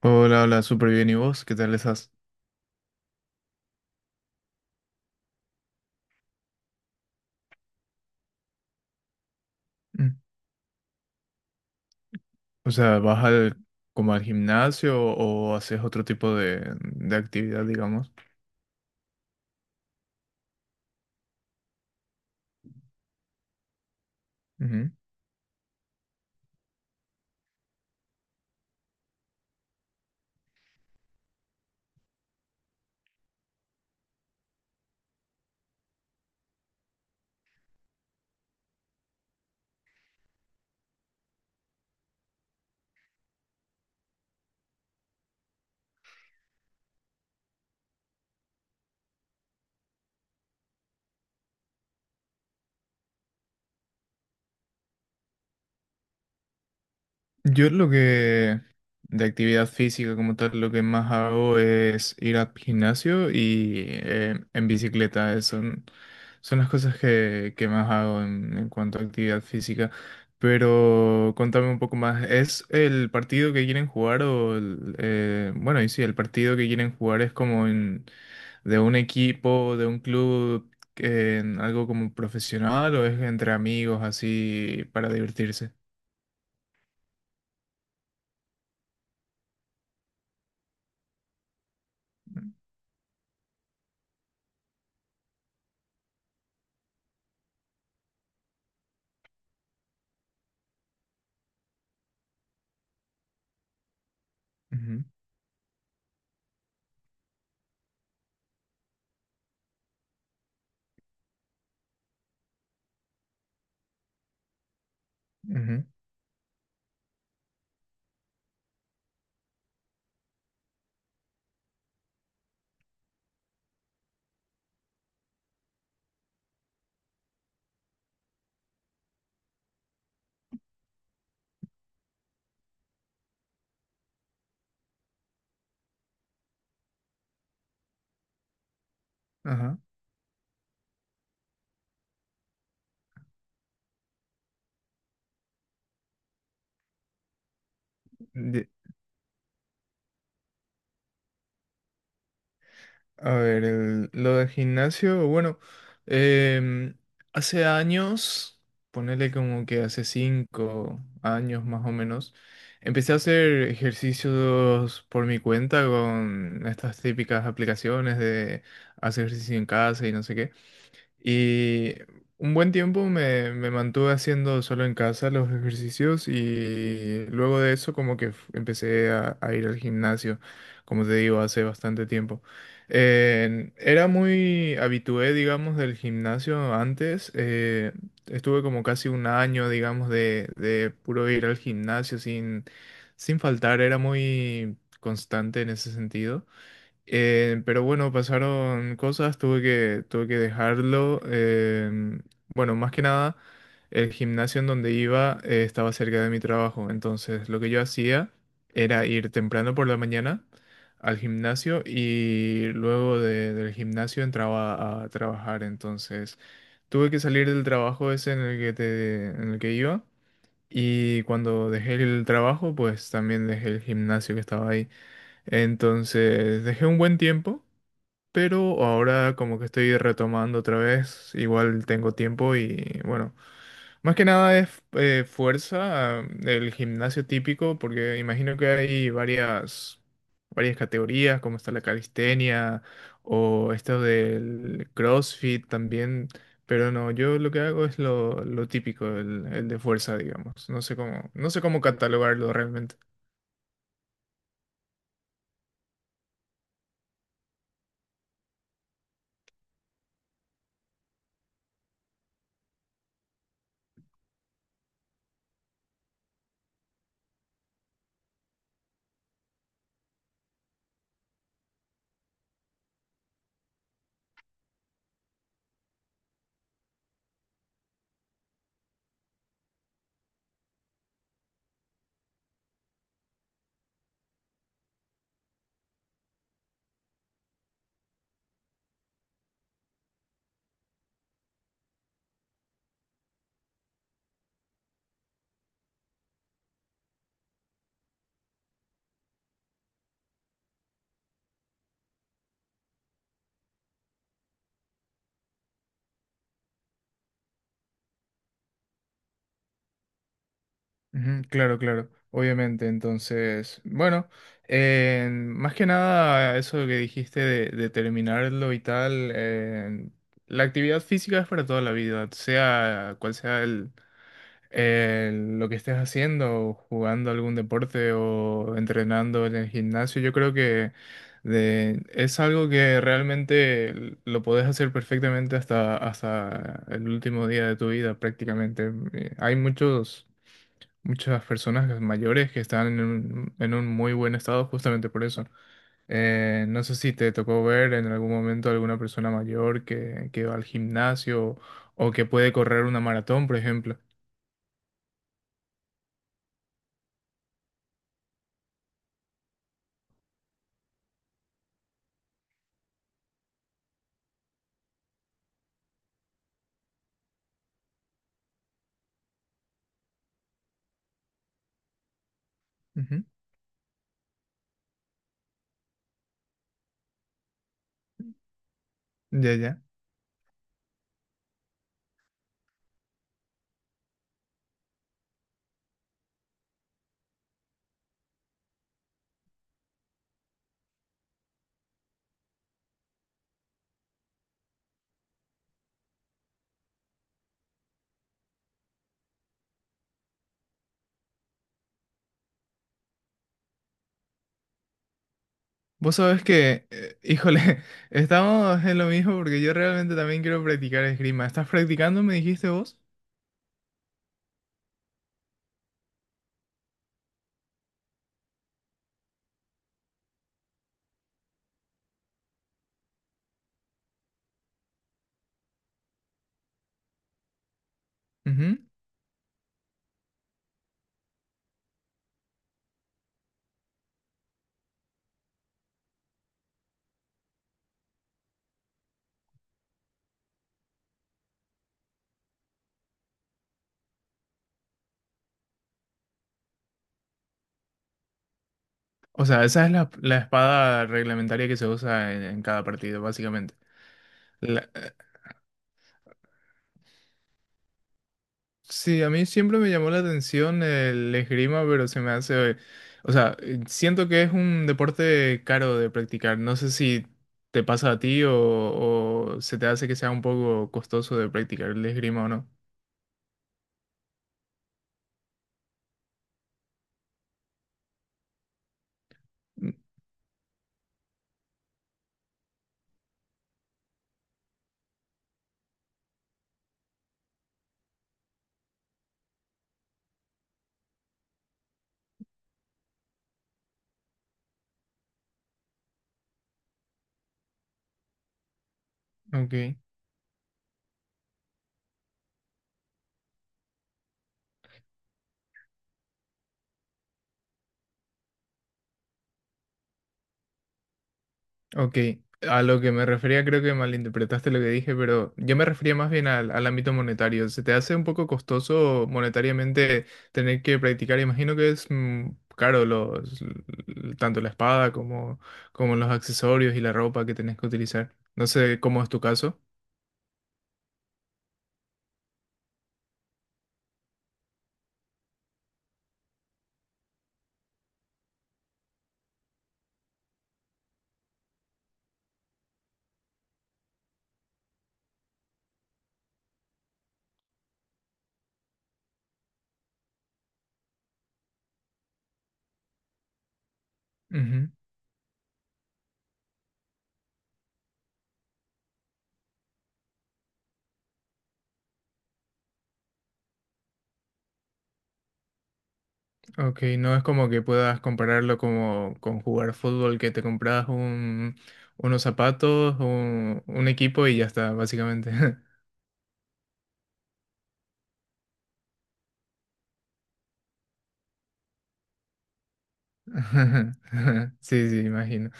Hola, hola, súper bien. ¿Y vos? ¿Qué tal estás? Mm. O sea, ¿vas como al gimnasio o haces otro tipo de actividad, digamos? Yo lo que de actividad física como tal, lo que más hago es ir al gimnasio y en bicicleta. Son las cosas que más hago en cuanto a actividad física. Pero contame un poco más. ¿Es el partido que quieren jugar o bueno, y sí, el partido que quieren jugar es de un equipo, de un club, en algo como profesional o es entre amigos así para divertirse? Ujú, ujú. Ajá. Ye- A ver, lo de gimnasio, bueno, em, hace años, ponele como que hace 5 años más o menos, empecé a hacer ejercicios por mi cuenta con estas típicas aplicaciones de hacer ejercicio en casa y no sé qué. Y un buen tiempo me mantuve haciendo solo en casa los ejercicios, y luego de eso como que empecé a ir al gimnasio, como te digo, hace bastante tiempo. Era muy habitué, digamos, del gimnasio antes. Estuve como casi un año, digamos, de puro ir al gimnasio sin faltar. Era muy constante en ese sentido. Pero bueno, pasaron cosas, tuve que dejarlo. Bueno, más que nada, el gimnasio en donde iba, estaba cerca de mi trabajo. Entonces, lo que yo hacía era ir temprano por la mañana al gimnasio y luego del gimnasio entraba a trabajar. Entonces, tuve que salir del trabajo ese, en el que iba. Y cuando dejé el trabajo, pues también dejé el gimnasio que estaba ahí. Entonces, dejé un buen tiempo, pero ahora como que estoy retomando otra vez, igual tengo tiempo y bueno, más que nada es fuerza, el gimnasio típico, porque imagino que hay varias categorías, como está la calistenia o esto del CrossFit también, pero no, yo lo que hago es lo típico, el de fuerza, digamos, no sé cómo catalogarlo realmente. Ujú, claro, claro, obviamente. Entonces, bueno, más que nada eso que dijiste de terminarlo y tal, la actividad física es para toda la vida, sea cual sea lo que estés haciendo, jugando algún deporte o entrenando en el gimnasio. Yo creo que es algo que realmente lo podés hacer perfectamente hasta el último día de tu vida prácticamente. Hay muchos muchas personas mayores que están en un muy buen estado justamente por eso. No sé si te tocó ver en algún momento alguna persona mayor que va al gimnasio o que puede correr una maratón, por ejemplo. Ujú, ya, ya. Vos sabés que, híjole, estamos en lo mismo porque yo realmente también quiero practicar esgrima. ¿Estás practicando, me dijiste vos? Ujú. O sea, esa es la espada reglamentaria que se usa en cada partido, básicamente. Sí, a mí siempre me llamó la atención el esgrima, pero se me hace, o sea, siento que es un deporte caro de practicar. No sé si te pasa a ti o se te hace que sea un poco costoso de practicar el esgrima o no. Mm. Ok. Ok, a lo que me refería creo que malinterpretaste lo que dije, pero yo me refería más bien al ámbito monetario. ¿Se te hace un poco costoso monetariamente tener que practicar? Imagino que es caro, tanto la espada como los accesorios y la ropa que tenés que utilizar. No sé cómo es tu caso. Ujú, ok, no es como que puedas compararlo como con jugar fútbol, que te compras unos zapatos, un equipo y ya está, básicamente. Sí, sí, imagino.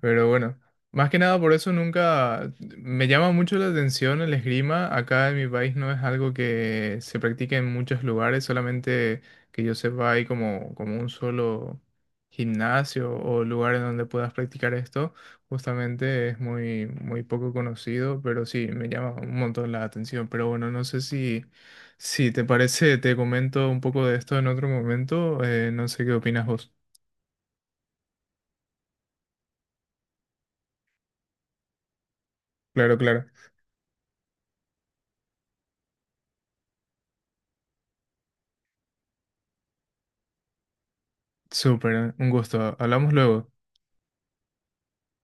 Pero bueno, más que nada por eso nunca me llama mucho la atención el esgrima. Acá en mi país no es algo que se practique en muchos lugares, solamente que yo sepa hay como un solo gimnasio o lugar en donde puedas practicar esto. Justamente es muy, muy poco conocido, pero sí, me llama un montón la atención. Pero bueno, no sé si te parece, te comento un poco de esto en otro momento. No sé qué opinas vos. Claro, claro. Súper, un gusto. Hablamos luego.